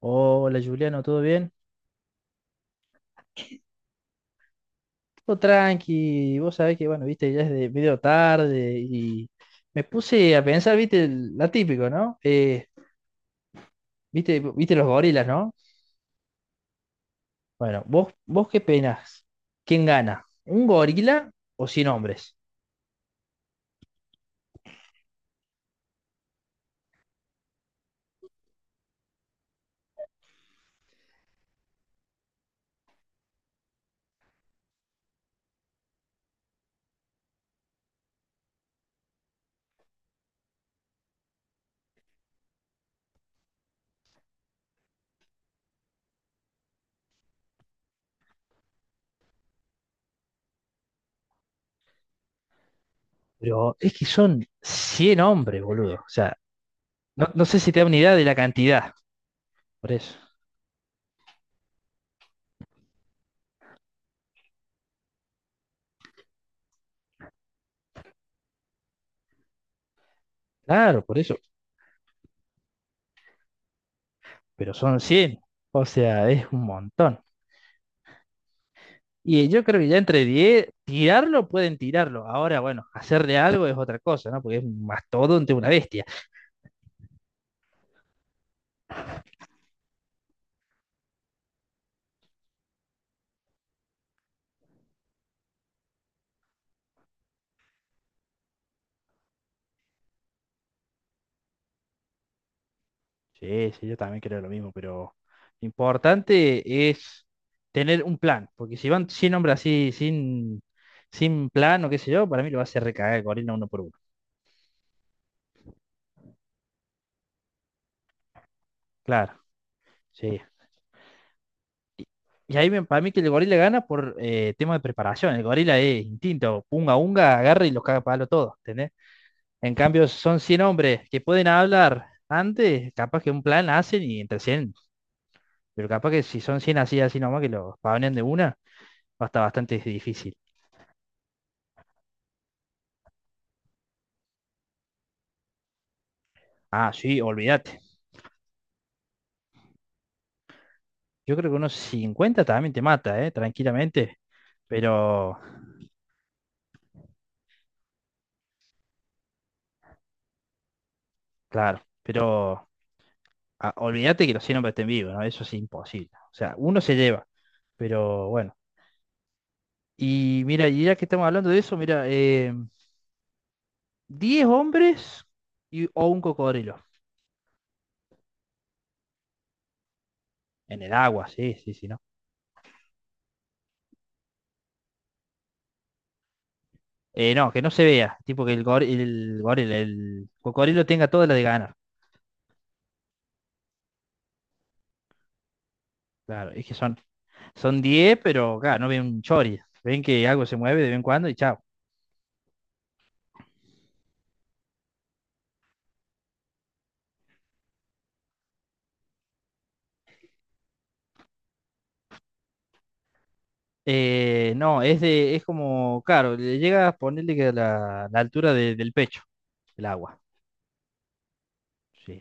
Hola Juliano, ¿todo bien? Todo tranqui, vos sabés que, bueno, viste, ya es de medio tarde y me puse a pensar, viste, la típico, ¿no? Viste los gorilas, ¿no? Bueno, vos qué penás, ¿quién gana? ¿Un gorila o 100 hombres? Pero es que son 100 hombres, boludo. O sea, no sé si te da una idea de la cantidad, por eso. Claro, por eso, pero son 100. O sea, es un montón. Y yo creo que ya entre 10 tirarlo pueden tirarlo. Ahora, bueno, hacerle algo es otra cosa, ¿no? Porque es un mastodonte, una bestia. Sí, sí, yo también creo lo mismo, pero lo importante es tener un plan. Porque si van 100 hombres así, sin plan o qué sé yo, para mí lo va a hacer recagar el gorila uno por uno. Claro, sí. Y, y ahí para mí que el gorila gana por tema de preparación. El gorila es instinto, unga unga, agarra y los caga a palo todo, ¿entendés? En cambio, son 100 hombres que pueden hablar antes, capaz que un plan hacen y entre 100. Pero capaz que si son 100 así, así nomás, que los pavnen de una, va a estar bastante difícil. Ah, sí, olvídate. Yo creo que unos 50 también te mata, ¿eh? Tranquilamente. Pero, claro, pero ah, olvídate que los 100 hombres estén vivos, ¿no? Eso es imposible. O sea, uno se lleva, pero bueno. Y mira, y ya que estamos hablando de eso, mira, 10 hombres o un cocodrilo. En el agua, sí, sí, sí, ¿no? No, que no se vea. Tipo que el cocodrilo tenga toda la de ganar. Claro, es que son 10 pero claro, no ven un chori. Ven que algo se mueve de vez en cuando y chao. No, es como, claro, le llega a ponerle que la altura del pecho, el agua. Sí,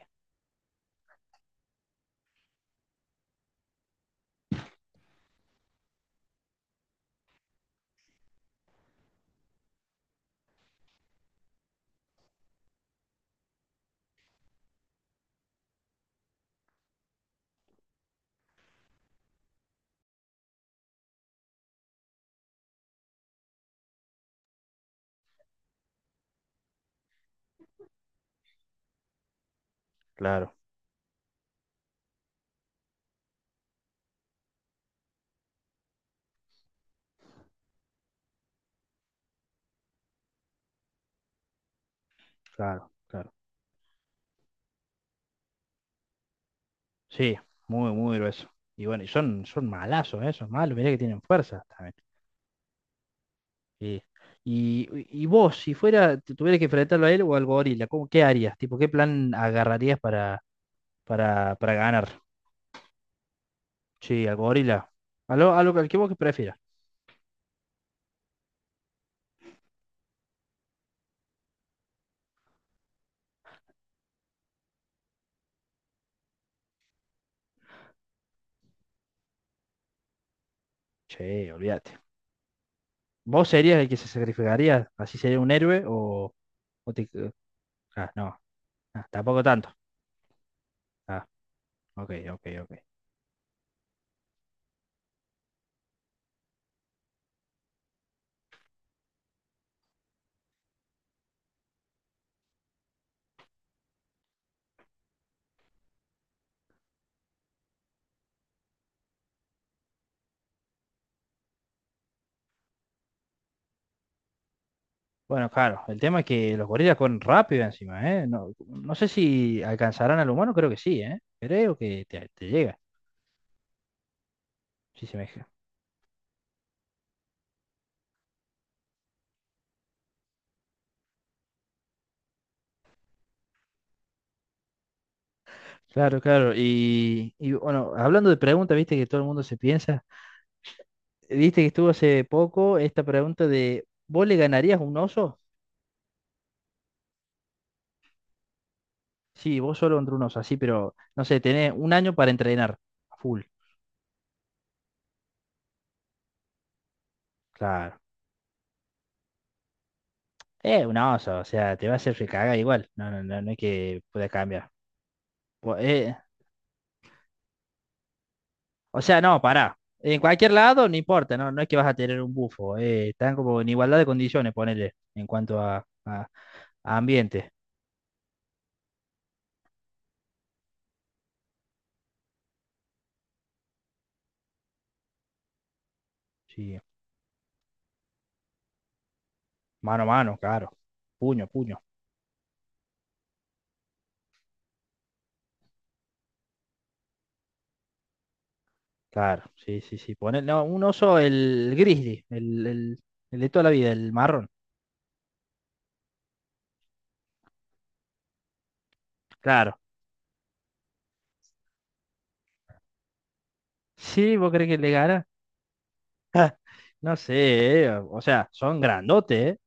claro, claro, claro. Sí, muy, muy grueso. Y bueno, y son, son malazos, son malos, mirá que tienen fuerza también. Sí. Y, y vos, si fuera, te tuvieras que enfrentarlo a él o al gorila, ¿cómo, qué harías? Tipo, ¿qué plan agarrarías para, para ganar? Sí, al gorila. A lo, al que vos que prefieras. Sí, olvídate. ¿Vos serías el que se sacrificaría? ¿Así sería un héroe? ¿O, o te- eh, Ah, no. Ah, tampoco tanto. Ah, ok, ok, ok. Bueno, claro, el tema es que los gorilas corren rápido encima, ¿eh? No, no sé si alcanzarán al humano, creo que sí, ¿eh? Creo que te llega, si se me Claro, claro. Y, bueno, hablando de preguntas, viste que todo el mundo se piensa. Viste que estuvo hace poco esta pregunta de, ¿vos le ganarías a un oso? Sí, vos solo contra un oso, así, pero no sé, tenés un año para entrenar a full. Claro. Un oso, o sea, te va a hacer recaga igual. No, no, no, no es que pueda cambiar. O, eh, o sea, no, pará. En cualquier lado, no importa, no, no es que vas a tener un bufo. Están como en igualdad de condiciones, ponele, en cuanto a ambiente. Sí. Mano a mano, claro. Puño, a puño. Claro, sí, sí, sí. Pone, no, un oso, el grizzly, el de toda la vida, el marrón. Claro. Sí, ¿vos crees que le gana? No sé, o sea, son grandotes, eh.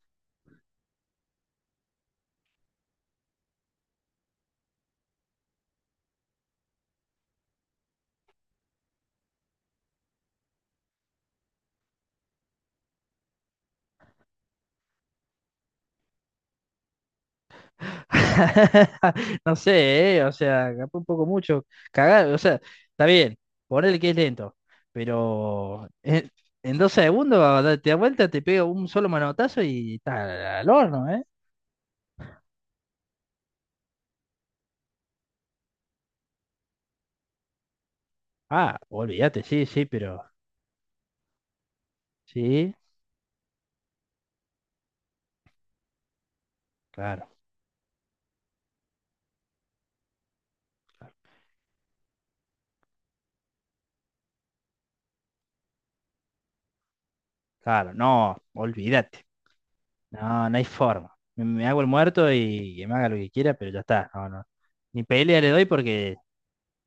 No sé, o sea, capaz un poco mucho. Cagar, o sea, está bien, ponele que es lento, pero en dos segundos te da vuelta, te pega un solo manotazo y está al horno, ¿eh? Ah, olvídate, sí, sí, pero sí, claro. Claro, no, olvídate. No, no hay forma. Me hago el muerto y que me haga lo que quiera, pero ya está. No, no. Ni pelea le doy porque,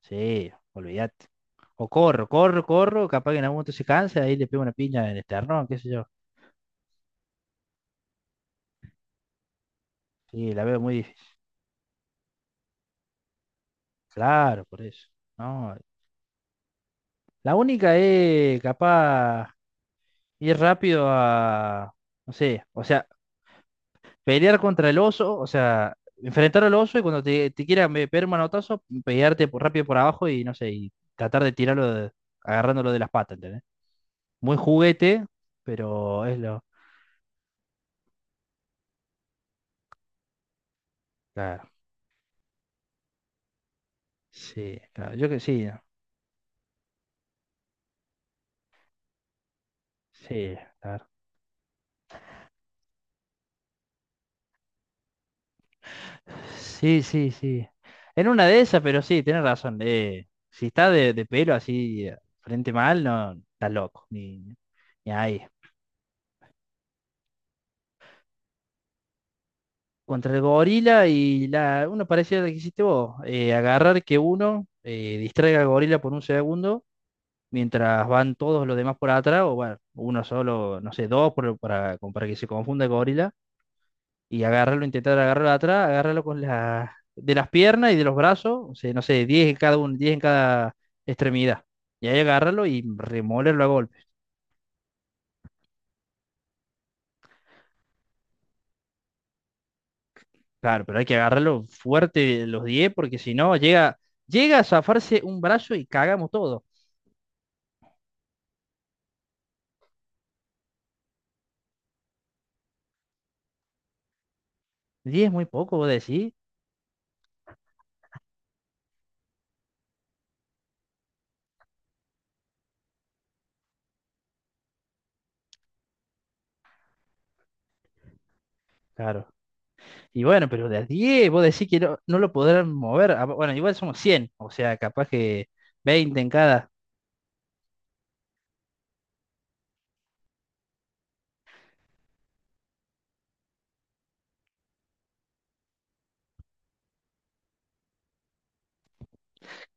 sí, olvídate. O corro, corro, corro, capaz que en algún momento se cansa, ahí le pego una piña en el esternón, qué sé yo. Sí, la veo muy difícil. Claro, por eso. No. La única es capaz ir rápido a, no sé, o sea, pelear contra el oso, o sea, enfrentar al oso y cuando te quiera pegar un manotazo, pelearte rápido por abajo y no sé, y tratar de tirarlo agarrándolo de las patas, ¿entendés? Muy juguete, pero es lo. Claro, sí, claro, yo que sí, ¿no? Sí, claro. Sí, sí, sí. En una de esas, pero sí, tenés razón. Eh, si está de pelo así, frente mal, no, está loco, ni ahí. Contra el gorila y la, uno parecía lo que hiciste vos, agarrar que uno distraiga al gorila por un segundo mientras van todos los demás por atrás, o bueno, uno solo, no sé, dos para, como para que se confunda el gorila, y agarrarlo, intentar agarrarlo atrás, agarrarlo con la, de las piernas y de los brazos, o sea, no sé, 10 en cada uno, 10 en cada extremidad. Y ahí agarrarlo y remolerlo a golpes. Claro, pero hay que agarrarlo fuerte los diez porque si no llega, llega a zafarse un brazo y cagamos todo. 10 es muy poco, vos decís. Claro. Y bueno, pero de a 10, vos decís que no, no lo podrán mover. Ah, bueno, igual somos 100 o sea, capaz que 20 en cada.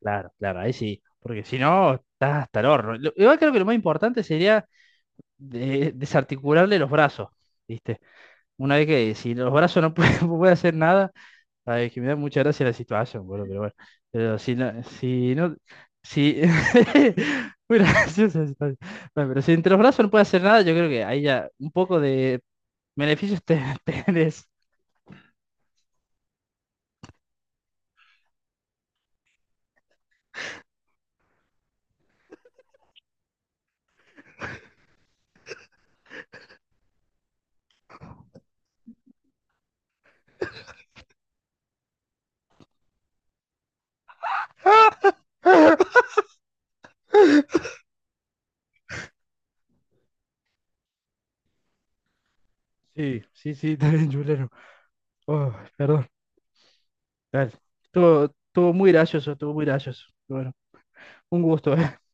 Claro, claro, ahí sí. Porque si no, estás hasta el horno. Igual creo que lo más importante sería desarticularle los brazos, ¿viste? Una vez que si los brazos no pueden, hacer nada, ay, es que me da mucha gracia la situación, boludo, pero bueno. Pero si no, si no, si. Muy graciosa la situación. Bueno, pero si entre los brazos no puede hacer nada, yo creo que ahí ya un poco de beneficios te tenés. Sí, sí, sí, está bien, chulero. Oh, perdón. Dale. Estuvo, estuvo muy gracioso, estuvo muy gracioso. Bueno, un gusto,